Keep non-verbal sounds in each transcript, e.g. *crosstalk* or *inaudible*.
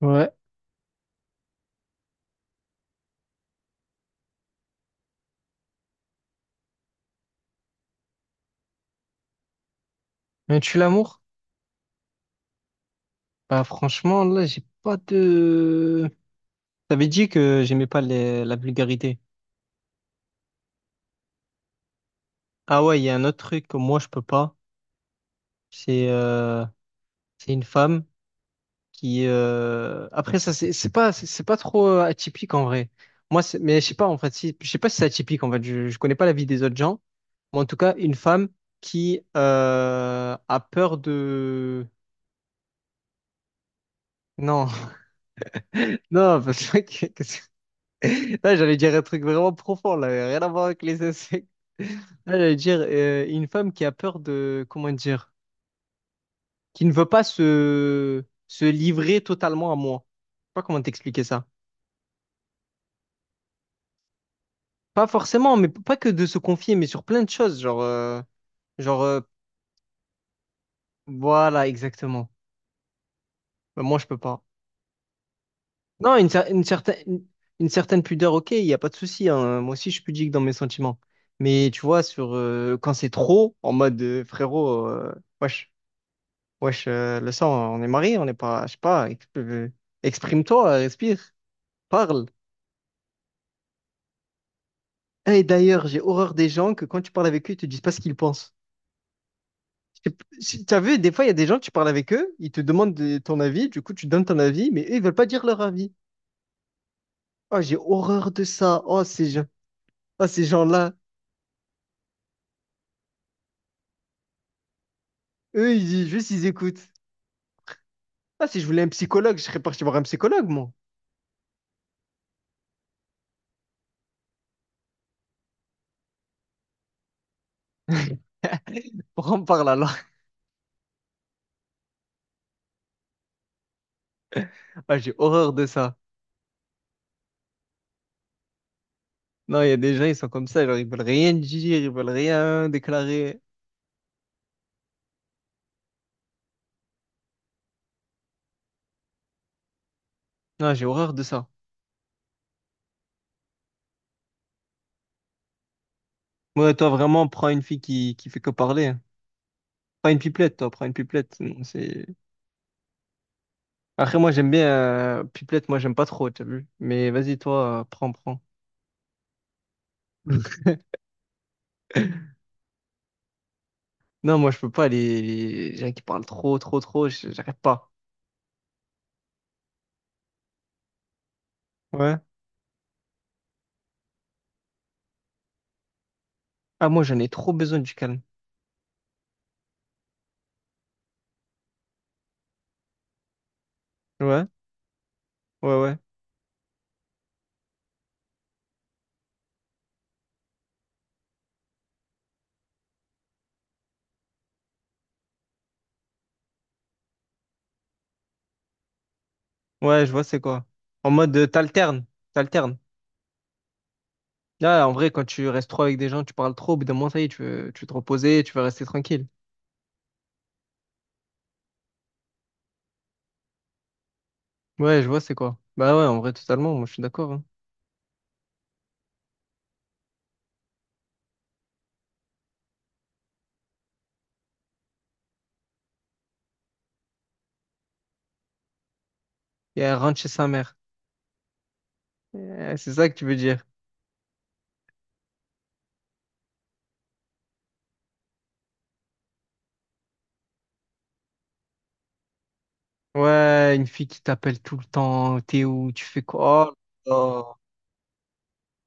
Ouais. Mais tu l'amour? Bah franchement, là, j'ai pas de... T'avais dit que j'aimais pas la vulgarité. Ah ouais, il y a un autre truc que moi, je peux pas. C'est euh, c'est une femme qui... Après, ça, c'est pas, c'est pas trop atypique en vrai. Moi, mais je sais pas, en fait, si... je sais pas si c'est atypique, en fait. Je connais pas la vie des autres gens. Mais en tout cas, une femme qui a peur de... Non, *laughs* non, parce que... *laughs* Là, j'allais dire un truc vraiment profond, là, rien à voir avec les insectes. Là, j'allais dire une femme qui a peur de, comment dire, qui ne veut pas se livrer totalement à moi. Je sais pas comment t'expliquer ça. Pas forcément, mais pas que de se confier, mais sur plein de choses, genre, euh, voilà, exactement. Ben, moi, je peux pas. Non, une, cer- une certaine pudeur, ok, il n'y a pas de souci, hein. Moi aussi, je suis pudique dans mes sentiments. Mais tu vois, sur quand c'est trop, en mode frérot, wesh. Wesh, le sang, on est mariés, on n'est pas, je sais pas, exprime-toi, respire, parle. Et d'ailleurs, j'ai horreur des gens que quand tu parles avec eux, ils te disent pas ce qu'ils pensent. Je sais p- si- T'as vu, des fois, il y a des gens, tu parles avec eux, ils te demandent ton avis, du coup, tu donnes ton avis, mais eux, ils veulent pas dire leur avis. Oh, j'ai horreur de ça. Oh, ces gens, oh, ces gens-là. Eux, ils disent juste, ils écoutent. Ah, si je voulais un psychologue, je serais parti voir un psychologue, moi. Pourquoi on parle alors? *laughs* Ah, j'ai horreur de ça. Non, il y a des gens, ils sont comme ça, genre, ils veulent rien dire, ils veulent rien déclarer. Non, j'ai horreur de ça. Ouais, toi, vraiment, prends une fille qui fait que parler. Hein. Prends une pipelette, toi, prends une pipelette. Non, c'est... Après, moi, j'aime bien... Pipelette, moi, j'aime pas trop, t'as vu? Mais vas-y, toi, prends, prends. *laughs* Non, moi, je peux pas, les gens qui parlent trop, trop, trop, j'arrive pas. Ouais. Ah, moi, j'en ai trop besoin du calme. Ouais, ouais, ouais. Ouais, je vois, c'est quoi. En mode, t'alternes, t'alternes. Là, en vrai, quand tu restes trop avec des gens, tu parles trop, au bout d'un moment, ça y est, tu veux te reposer, tu veux rester tranquille. Ouais, je vois, c'est quoi. Bah ouais, en vrai, totalement, moi, je suis d'accord. hein. Et elle rentre chez sa mère. C'est ça que tu veux dire. Ouais, une fille qui t'appelle tout le temps. T'es où? Tu fais quoi? Oh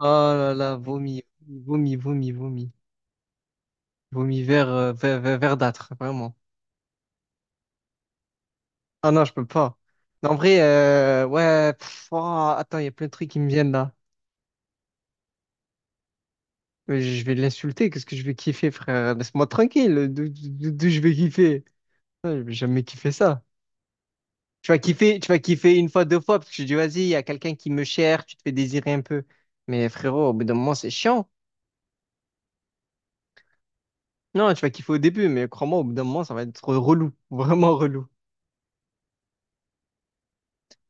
là là, oh là là, vomi, vomi, vomi, vomi. Vomi vert, vert vert verdâtre, vraiment. Ah non, je peux pas. Mais en vrai, ouais, pff, oh, attends, il y a plein de trucs qui me viennent là. Mais je vais l'insulter, qu'est-ce que je vais kiffer, frère? Laisse-moi tranquille, d'où je vais kiffer? Ouais, je vais jamais kiffer ça. Tu vas kiffer une fois, deux fois, parce que tu dis, vas-y, il y a quelqu'un qui me cherche, tu te fais désirer un peu. Mais frérot, au bout d'un moment, c'est chiant. Non, tu vas kiffer au début, mais crois-moi, au bout d'un moment, ça va être relou, *laughs* vraiment relou.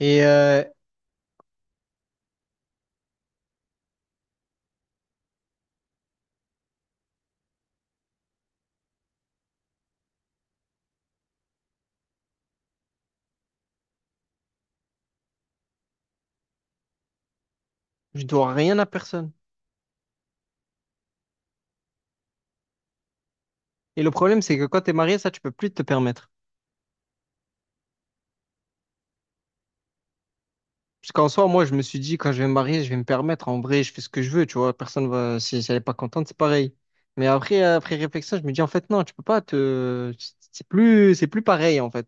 Et euh, je dois rien à personne. Et le problème, c'est que quand t'es marié, ça, tu peux plus te permettre. Parce qu'en soi, moi, je me suis dit, quand je vais me marier, je vais me permettre. En vrai, je fais ce que je veux, tu vois. Personne va, si, si elle est pas contente, c'est pareil. Mais après, après réflexion, je me dis, en fait, non, tu peux pas te, c'est plus pareil, en fait.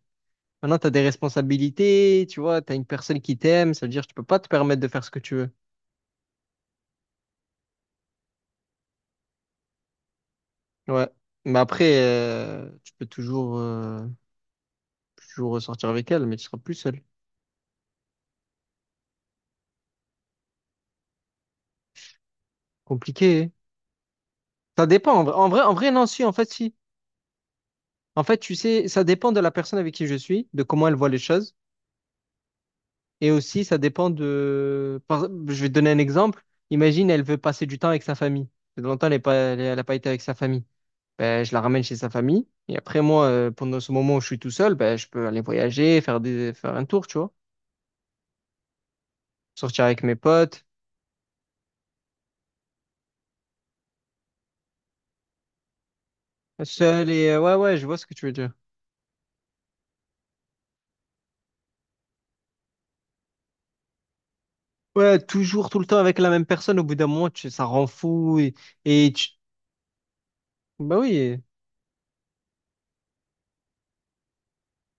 Maintenant, tu as des responsabilités, tu vois, tu as une personne qui t'aime, ça veut dire que tu peux pas te permettre de faire ce que tu veux. Ouais. Mais après, tu peux toujours, toujours sortir avec elle, mais tu seras plus seul. Compliqué. Hein. Ça dépend. En vrai, en vrai, en vrai, non, si, en fait, si. En fait, tu sais, ça dépend de la personne avec qui je suis, de comment elle voit les choses. Et aussi, ça dépend de... je vais te donner un exemple. Imagine, elle veut passer du temps avec sa famille. Ça fait longtemps, elle n'a pas, elle a pas été avec sa famille. Ben, je la ramène chez sa famille. Et après, moi, pendant ce moment où je suis tout seul, ben, je peux aller voyager, faire des, faire un tour, tu vois. Sortir avec mes potes, seul et ouais, ouais, je vois ce que tu veux dire. Ouais, toujours, tout le temps avec la même personne, au bout d'un moment, ça rend fou. Et tu... Bah oui,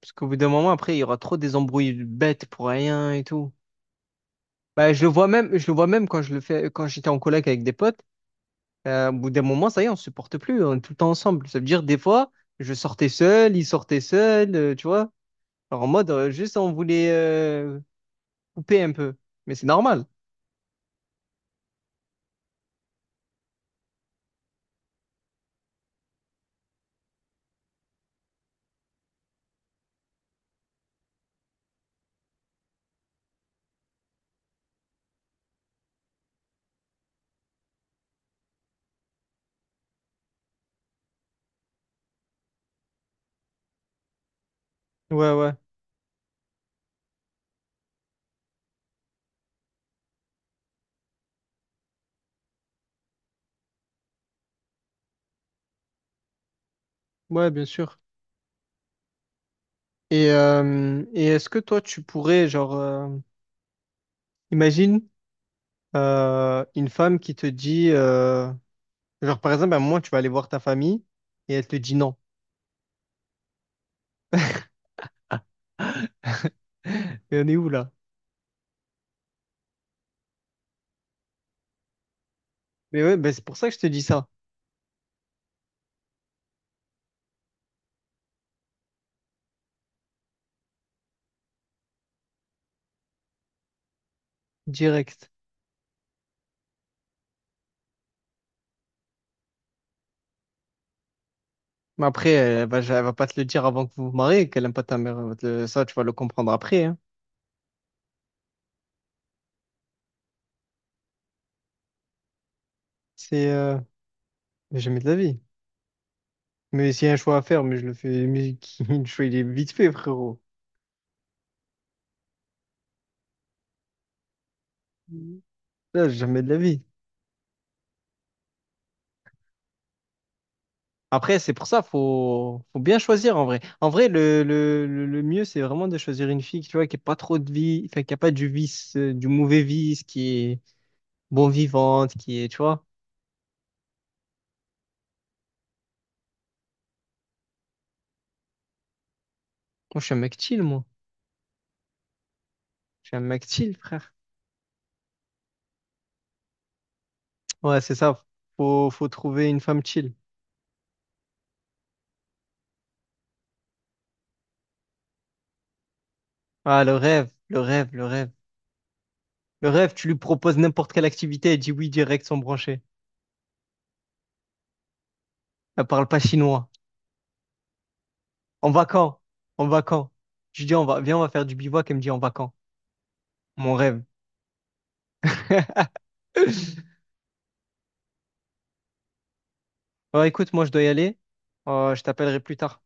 parce qu'au bout d'un moment, après, il y aura trop des embrouilles bêtes pour rien et tout. Bah, je le vois même, je le vois même quand je le fais, quand j'étais en coloc avec des potes. Au bout d'un moment, ça y est, on se supporte plus, on est tout le temps ensemble. Ça veut dire, des fois, je sortais seul, il sortait seul, tu vois. Alors, en mode, juste on voulait couper un peu. Mais c'est normal. Ouais, ouais. Ouais, bien sûr. Et est-ce que toi, tu pourrais, genre, imagine une femme qui te dit, genre, par exemple, à un moment, tu vas aller voir ta famille et elle te dit non. *laughs* Mais on est où là? Mais ouais, ben, c'est pour ça que je te dis ça, direct. Mais après, elle va pas te le dire avant que vous vous mariez, qu'elle aime pas ta mère. Elle va ça, tu vas le comprendre après, hein. C'est jamais de la vie. Mais s'il y a un choix à faire, mais je le fais, *laughs* le choix, il est vite fait, frérot. Mhm. Là, jamais de la vie. Après, c'est pour ça, faut, faut bien choisir en vrai. En vrai, le mieux, c'est vraiment de choisir une fille, tu vois, qui n'a pas trop de vie, enfin, qui n'a pas du vice, du mauvais vice, qui est bon vivante, qui est, tu vois. Moi, je suis un mec chill, moi. Je suis un mec chill, frère. Ouais, c'est ça. Faut, faut trouver une femme chill. Ah, le rêve, le rêve, le rêve. Le rêve, tu lui proposes n'importe quelle activité, elle dit oui direct sans brancher. Elle parle pas chinois. On va quand? On va quand? Je lui dis on va, viens, on va faire du bivouac. Elle me dit on va quand? Mon rêve. *laughs* Bon, écoute, moi je dois y aller. Je t'appellerai plus tard.